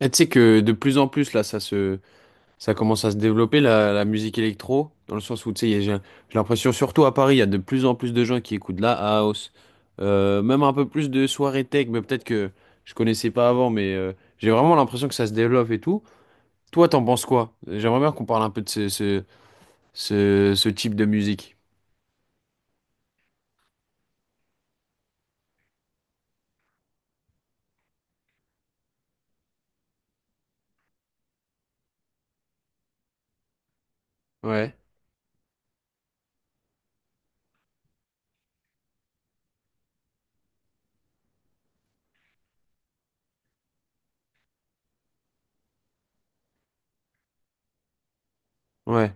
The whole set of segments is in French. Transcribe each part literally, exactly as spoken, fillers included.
Et tu sais que de plus en plus, là, ça se, ça commence à se développer, la, la musique électro, dans le sens où, tu sais, il y a- j'ai j'ai l'impression, surtout à Paris, il y a de plus en plus de gens qui écoutent de la house, euh, même un peu plus de soirée tech, mais peut-être que je connaissais pas avant, mais euh, j'ai vraiment l'impression que ça se développe et tout. Toi, t'en penses quoi? J'aimerais bien qu'on parle un peu de ce, ce, ce, ce type de musique. Ouais, ouais,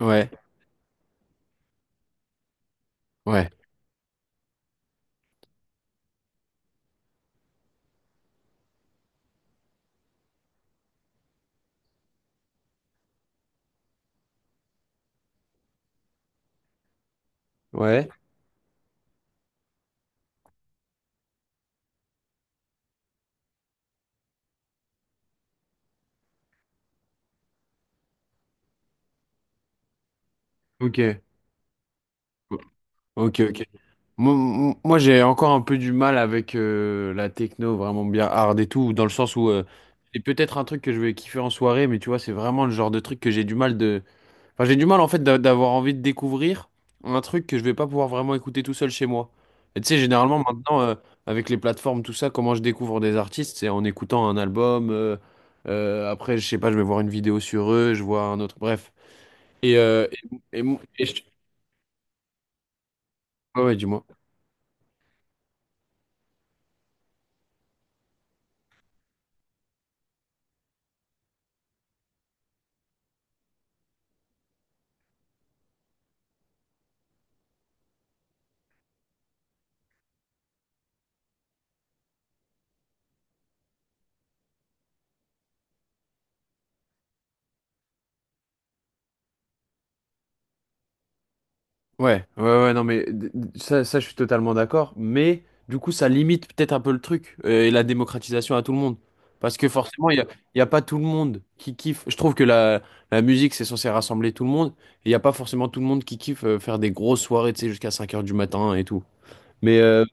ouais, ouais, ouais. Ok. Ok, ok. Moi, moi, j'ai encore un peu du mal avec euh, la techno vraiment bien hard et tout, dans le sens où euh, c'est peut-être un truc que je vais kiffer en soirée, mais tu vois, c'est vraiment le genre de truc que j'ai du mal de... Enfin, j'ai du mal en fait d'a- d'avoir envie de découvrir un truc que je vais pas pouvoir vraiment écouter tout seul chez moi. Et tu sais, généralement maintenant, euh, avec les plateformes, tout ça, comment je découvre des artistes, c'est en écoutant un album, euh, euh, après, je sais pas, je vais voir une vidéo sur eux, je vois un autre, bref. Et, euh, et, et, et je- ouais, ouais, dis-moi. Ouais, ouais, ouais, non, mais d- d- ça, ça, je suis totalement d'accord. Mais du coup, ça limite peut-être un peu le truc euh, et la démocratisation à tout le monde. Parce que forcément, il n'y a, il y a pas tout le monde qui kiffe. Je trouve que la, la musique, c'est censé rassembler tout le monde. Et il n'y a pas forcément tout le monde qui kiffe euh, faire des grosses soirées, tu sais, jusqu'à cinq heures du matin et tout. Mais euh,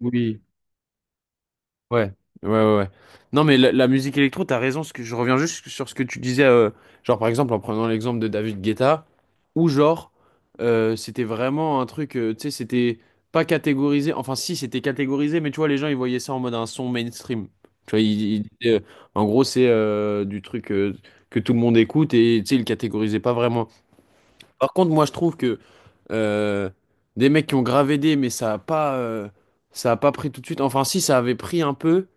oui. Ouais, ouais, ouais, ouais. Non, mais la, la musique électro, t'as raison. Ce que, je reviens juste sur ce que tu disais, euh, genre par exemple en prenant l'exemple de David Guetta, où genre euh, c'était vraiment un truc, euh, tu sais, c'était pas catégorisé. Enfin, si, c'était catégorisé, mais tu vois, les gens ils voyaient ça en mode un son mainstream. Tu vois, ils, ils disaient, euh, en gros, c'est euh, du truc euh, que tout le monde écoute et tu sais, ils le catégorisaient pas vraiment. Par contre, moi, je trouve que euh, des mecs qui ont gravé des, mais ça a pas, euh, ça a pas pris tout de suite. Enfin, si, ça avait pris un peu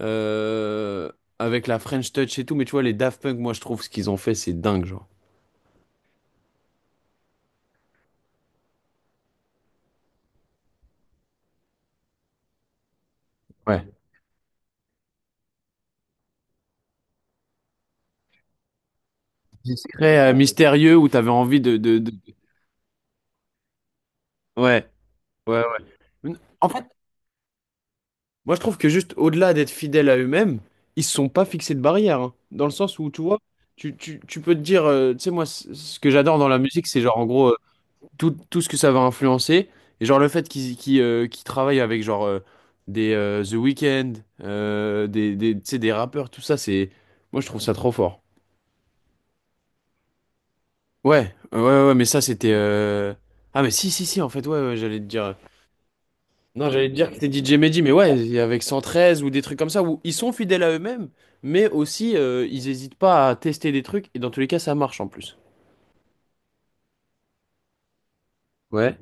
euh, avec la French Touch et tout, mais tu vois, les Daft Punk, moi, je trouve ce qu'ils ont fait, c'est dingue, genre. Ouais. Discret, euh, mystérieux, où t'avais envie de, de, de- Ouais, ouais, ouais. En fait, moi, je trouve que juste au-delà d'être fidèles à eux-mêmes, ils se sont pas fixés de barrières, hein. Dans le sens où, tu vois, tu, tu, tu peux te dire, euh, tu sais, moi, c- ce que j'adore dans la musique, c'est genre, en gros, tout, tout ce que ça va influencer. Et genre le fait qu'ils qu'ils, euh, qu'ils travaillent avec genre euh, des euh, The Weeknd, euh, des, des, tu sais, des rappeurs, tout ça, c'est... Moi je trouve ça trop fort. Ouais, ouais, ouais, ouais, mais ça c'était... euh, Ah mais si, si, si, en fait, ouais, ouais, j'allais te dire... Non, j'allais te dire que c'était D J Mehdi, mais ouais, il y a avec cent treize ou des trucs comme ça, où ils sont fidèles à eux-mêmes, mais aussi euh, ils hésitent pas à tester des trucs, et dans tous les cas ça marche en plus. Ouais,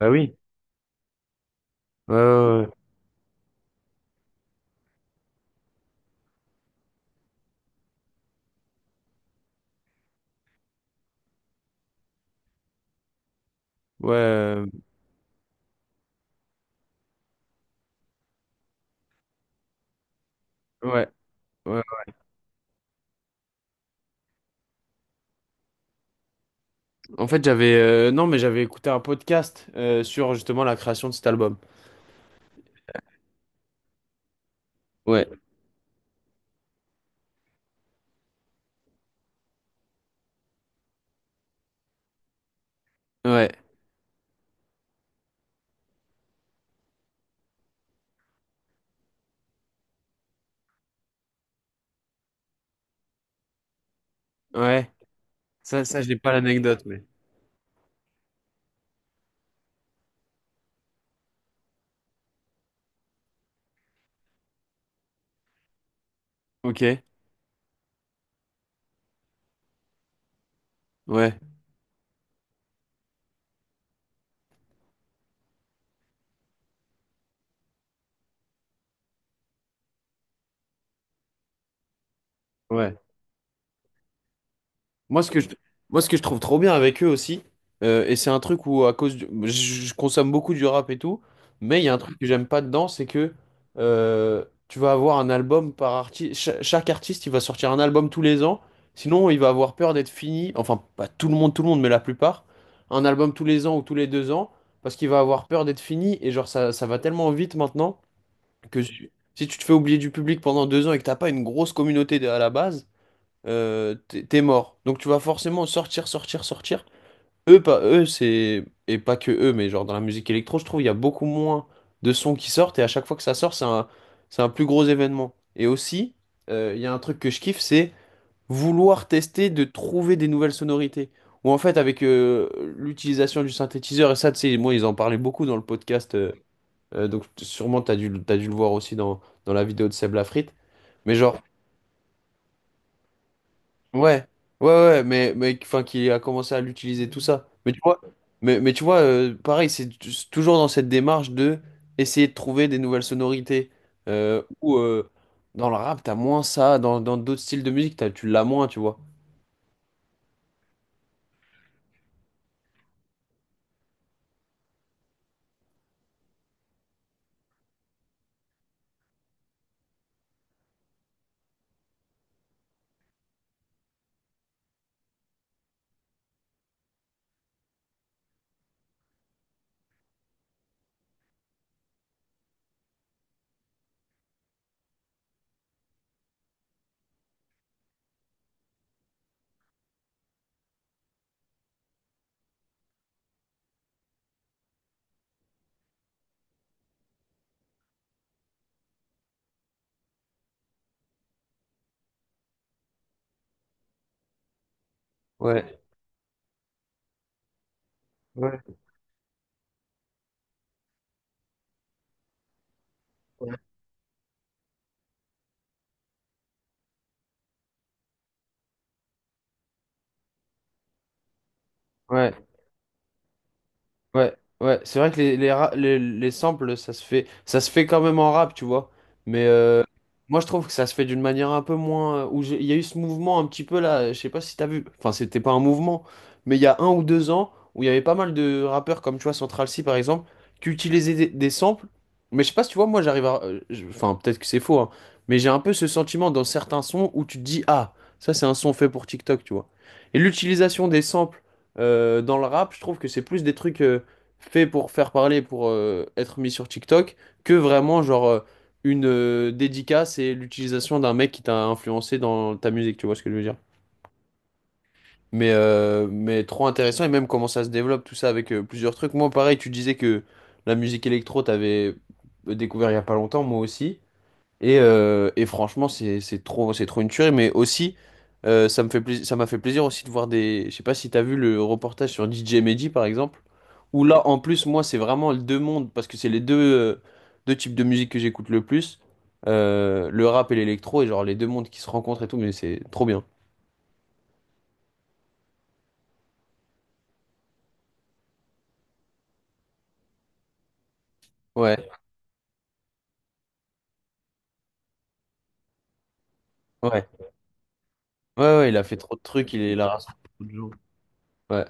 bah oui. Ouais, ouais, ouais. Ouais, euh, ouais, ouais. En fait, j'avais euh, non, mais j'avais écouté un podcast euh, sur justement la création de cet album. Ouais, ouais, ouais. Ça, ça, j'ai pas l'anecdote, mais. Ok, ouais, ouais. Moi, ce que je, moi, ce que je trouve trop bien avec eux aussi, euh, et c'est un truc où, à cause du- je, je consomme beaucoup du rap et tout, mais il y a un truc que j'aime pas dedans, c'est que euh, tu vas avoir un album par artiste. Chaque artiste, il va sortir un album tous les ans. Sinon, il va avoir peur d'être fini. Enfin, pas tout le monde, tout le monde, mais la plupart. Un album tous les ans ou tous les deux ans, parce qu'il va avoir peur d'être fini. Et genre, ça, ça va tellement vite maintenant que si si tu te fais oublier du public pendant deux ans et que t'as pas une grosse communauté à la base euh, t'es t'es mort. Donc tu vas forcément sortir, sortir, sortir. Eux, pas eux, c'est. Et pas que eux, mais genre dans la musique électro, je trouve il y a beaucoup moins de sons qui sortent et à chaque fois que ça sort, c'est un, c'est un plus gros événement. Et aussi, euh, il y a un truc que je kiffe, c'est vouloir tester de trouver des nouvelles sonorités. Ou en fait, avec euh, l'utilisation du synthétiseur, et ça, tu sais, moi, ils en parlaient beaucoup dans le podcast, euh, euh, donc sûrement, t'as dû, t'as dû le voir aussi dans, dans la vidéo de Seb Lafrite. Mais genre, ouais, ouais, ouais, mais, mais enfin, qui a commencé à l'utiliser, tout ça. Mais tu vois, mais, mais tu vois euh, pareil, c'est t- c'est toujours dans cette démarche de essayer de trouver des nouvelles sonorités. Euh, ou euh, dans le rap, t'as moins ça, dans, dans d'autres styles de musique, t'as, tu l'as moins, tu vois. Ouais, ouais, ouais. Ouais, ouais, c'est vrai que les, les, ra- les, les samples, ça se fait, ça se fait quand même en rap, tu vois. Mais euh, moi, je trouve que ça se fait d'une manière un peu moins. Où j'ai- il y a eu ce mouvement un petit peu là, euh, je sais pas si t'as vu. Enfin, c'était pas un mouvement, mais il y a un ou deux ans où il y avait pas mal de rappeurs comme tu vois Central C par exemple qui utilisaient des, des samples. Mais je sais pas si tu vois, moi, j'arrive à. euh, je- Enfin, peut-être que c'est faux, hein, mais j'ai un peu ce sentiment dans certains sons où tu te dis, ah, ça c'est un son fait pour TikTok, tu vois. Et l'utilisation des samples euh, dans le rap, je trouve que c'est plus des trucs. Euh, fait pour faire parler, pour euh, être mis sur TikTok, que vraiment genre euh, une euh, dédicace et l'utilisation d'un mec qui t'a influencé dans ta musique, tu vois ce que je veux dire. Mais, euh, mais trop intéressant et même comment ça se développe tout ça avec euh, plusieurs trucs. Moi pareil, tu disais que la musique électro, t'avais euh, découvert il y a pas longtemps, moi aussi. Et, euh, et franchement, c'est c'est trop, c'est trop une tuerie. Mais aussi, euh, ça me fait plaisir, ça m'a fait plaisir aussi de voir des. Je sais pas si t'as vu le reportage sur D J Mehdi, par exemple, où là, en plus, moi, c'est vraiment les deux mondes, parce que c'est les deux, euh, deux types de musique que j'écoute le plus, euh, le rap et l'électro, et genre les deux mondes qui se rencontrent et tout, mais c'est trop bien. Ouais, ouais, ouais, ouais, il a fait trop de trucs, il est là. Ouais, ouais,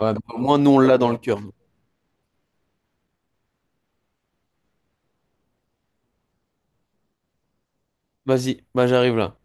bah, au moins, nous, on l'a dans le cœur. Vas-y, bah, j'arrive là.